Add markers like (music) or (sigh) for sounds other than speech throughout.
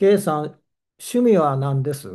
K さん、趣味は何です？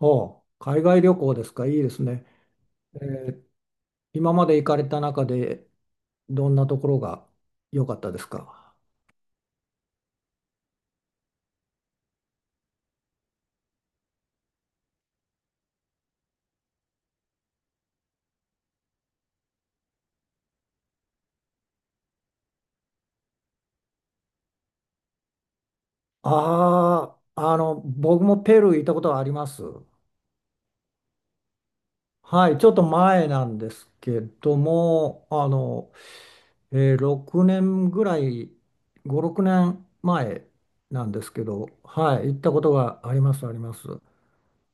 おう、海外旅行ですか。いいですね。えー今まで行かれた中でどんなところが良かったですか？ああー、僕もペルー行ったことはあります。はい、ちょっと前なんですけども、6年ぐらい、5、6年前なんですけど、はい、行ったことがあります、あります。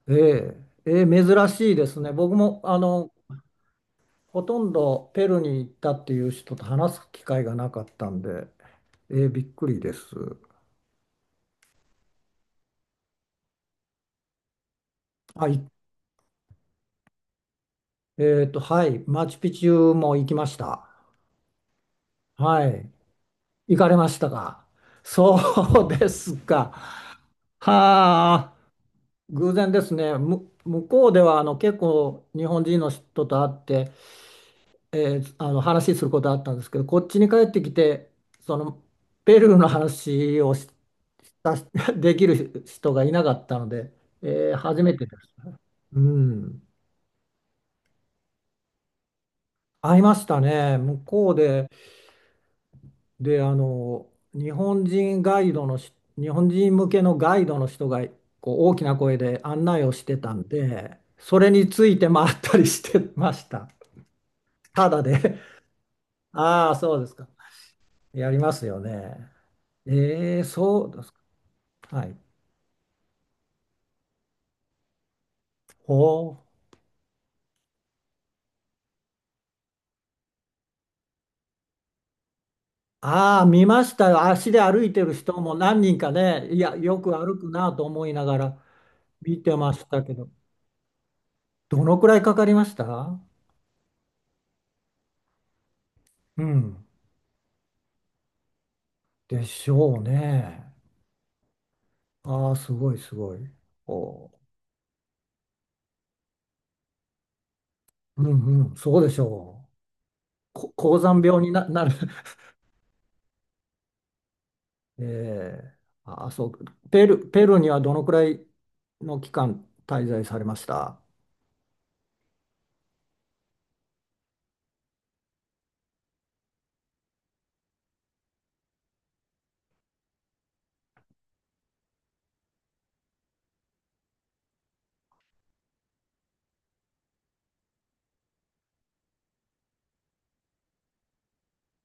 ええええ珍しいですね。僕もほとんどペルーに行ったっていう人と話す機会がなかったんで、びっくりです。はい。はい。マチュピチュも行きました。はい。行かれましたか？そうですか。はあ、偶然ですね。向こうでは結構日本人の人と会って、話することあったんですけど、こっちに帰ってきて、そのペルーの話をししたし (laughs) できる人がいなかったので、初めてです。うん、会いましたね、向こうで、で、日本人ガイドのし、日本人向けのガイドの人がこう大きな声で案内をしてたんで、それについて回ったりしてました。ただで、(laughs) ああ、そうですか。やりますよね。そう、はい。ほう。ああ、見ましたよ。足で歩いてる人も何人かね、いや、よく歩くなと思いながら見てましたけど、どのくらいかかりました？うん。でしょうね。ああ、すごいすごい。おう。うんうん、そうでしょう。高山病になる。(laughs) ええああ、そう。ペルーにはどのくらいの期間滞在されました？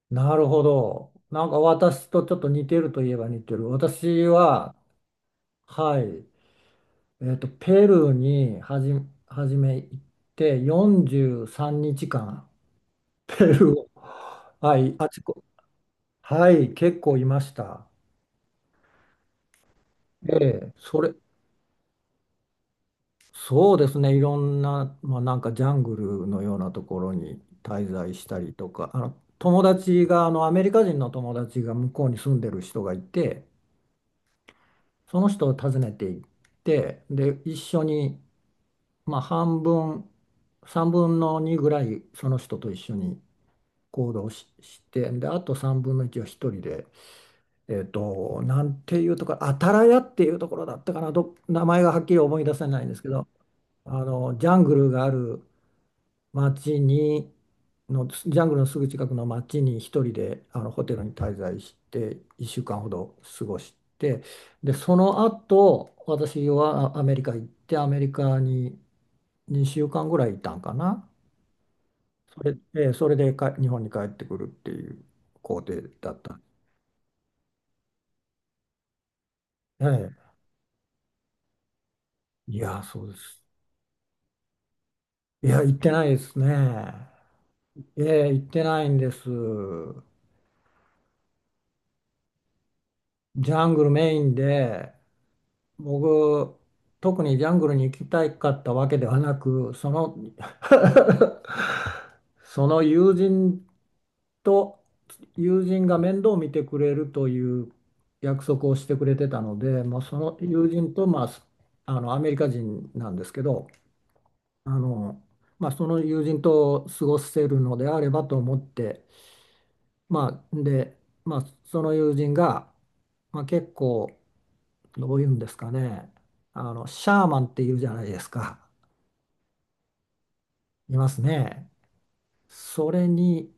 なるほど。なんか私とちょっと似てるといえば似てる。私は、はい、ペルーにはじめ行って43日間、ペルーを、はい、あちこ、はい、結構いました。ええ、そうですね、いろんな、まあ、なんかジャングルのようなところに滞在したりとか、あの友達が、あのアメリカ人の友達が向こうに住んでる人がいて、その人を訪ねていって、で、一緒に、まあ、半分、3分の2ぐらい、その人と一緒に行動し、して、で、あと3分の1は一人で、なんていうところ、アタラヤっていうところだったかな、名前がはっきり思い出せないんですけど、あのジャングルがある。町にのジャングルのすぐ近くの町に一人であのホテルに滞在して1週間ほど過ごして、でその後私はアメリカ行ってアメリカに2週間ぐらいいたんかな。それでか日本に帰ってくるっていう工程だった。ええ。いや、そうです。いや、行ってないですね。ええ、行ってないんです。ジャングルメインで僕、特にジャングルに行きたかったわけではなく、その (laughs) その友人と友人が面倒を見てくれるという約束をしてくれてたので、まあ、その友人と、まあ、あのアメリカ人なんですけど、あの、まあ、その友人と過ごせるのであればと思って、まあ、で、まあ、その友人が、まあ、結構どういうんですかね。シャーマンっていうじゃないですか。いますね。それに、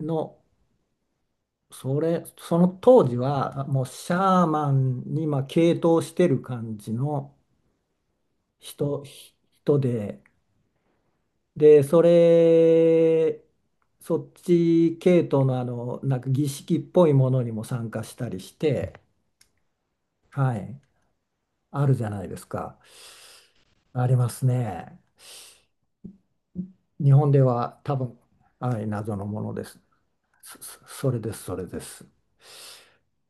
の、それ、その当時は、もうシャーマンに、まあ、傾倒してる感じの人、人で、で、そっち系統のなんか儀式っぽいものにも参加したりして、はい、あるじゃないですか。ありますね。日本では多分、はい、謎のものですね。それです、それです。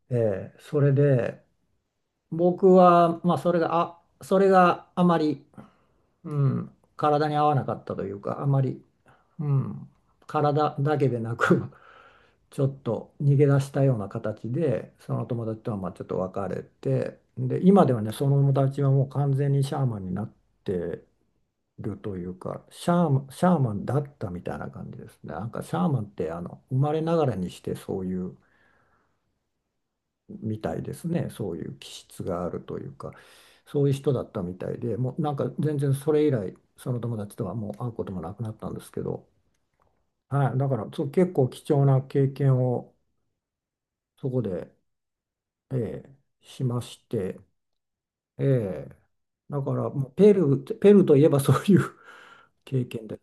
ええ、それで、僕は、まあ、それがあまり、うん、体に合わなかったというか、あまり、うん、体だけでなく、(laughs) ちょっと逃げ出したような形で、その友達とはまあちょっと別れて、で、今ではね、その友達はもう完全にシャーマンになってるというか、シャーマンだったみたいな感じですね。なんかシャーマンって、生まれながらにしてそういう、みたいですね。そういう気質があるというか、そういう人だったみたいで、もうなんか全然それ以来、その友達とはもう会うこともなくなったんですけど、はい、だからそう結構貴重な経験をそこで、ええしまして、ええだからもうペルー、ペルーといえばそういう (laughs) 経験で、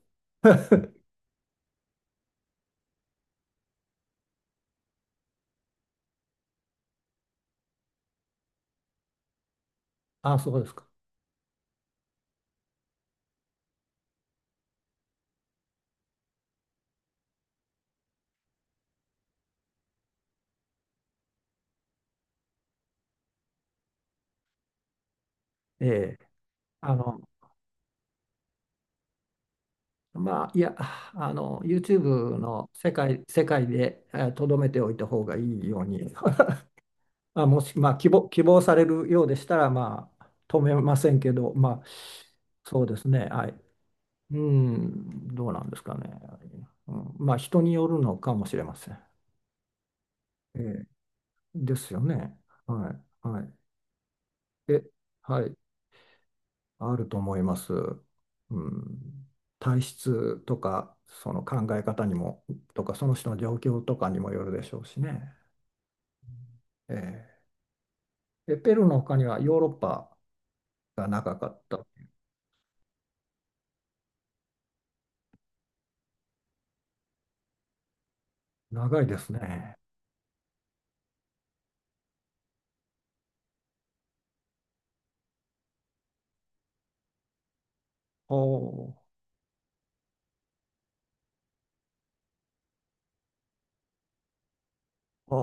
あ、そうですか。ええあの、まあ、いや、YouTube の世界で、とどめておいた方がいいように (laughs) あ、もし、まあ、希望されるようでしたら、まあ、止めませんけど、まあ、そうですね、はい。うん、どうなんですかね。うん、まあ、人によるのかもしれません。ええ、ですよね。はい、はい。え、はい、あると思います。うん、体質とか、その考え方にも、とか、その人の状況とかにもよるでしょうしね。ええ、ペルーの他にはヨーロッパが長かった。長いですね。おあ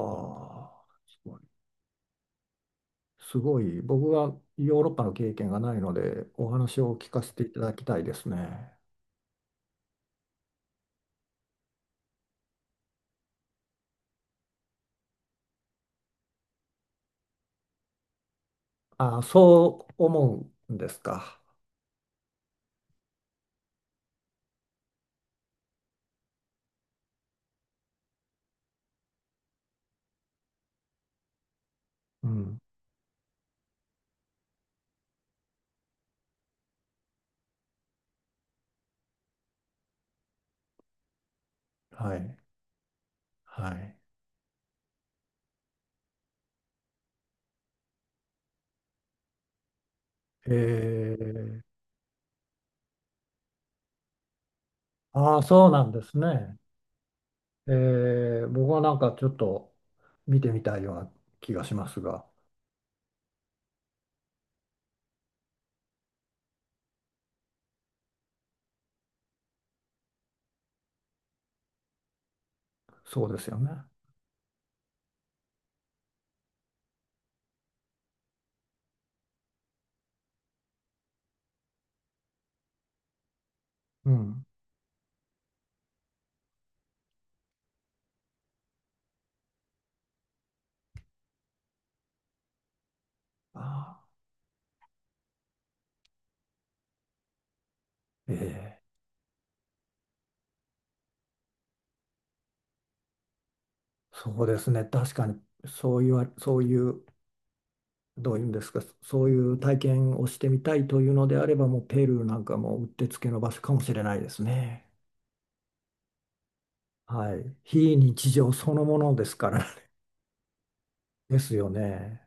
あー、すごい。すごい。僕はヨーロッパの経験がないので、お話を聞かせていただきたいですね。あーそう思うんですか。うん。はい。はい。えー、ああ、そうなんですね。僕はなんかちょっと見てみたいような気がしますが、そうですよね。うん。ああ、ええそうですね。確かに、そういうどういうんですか、そういう体験をしてみたいというのであれば、もうペルーなんかもうってつけの場所かもしれないですね。はい。非日常そのものですから。(laughs) ですよね。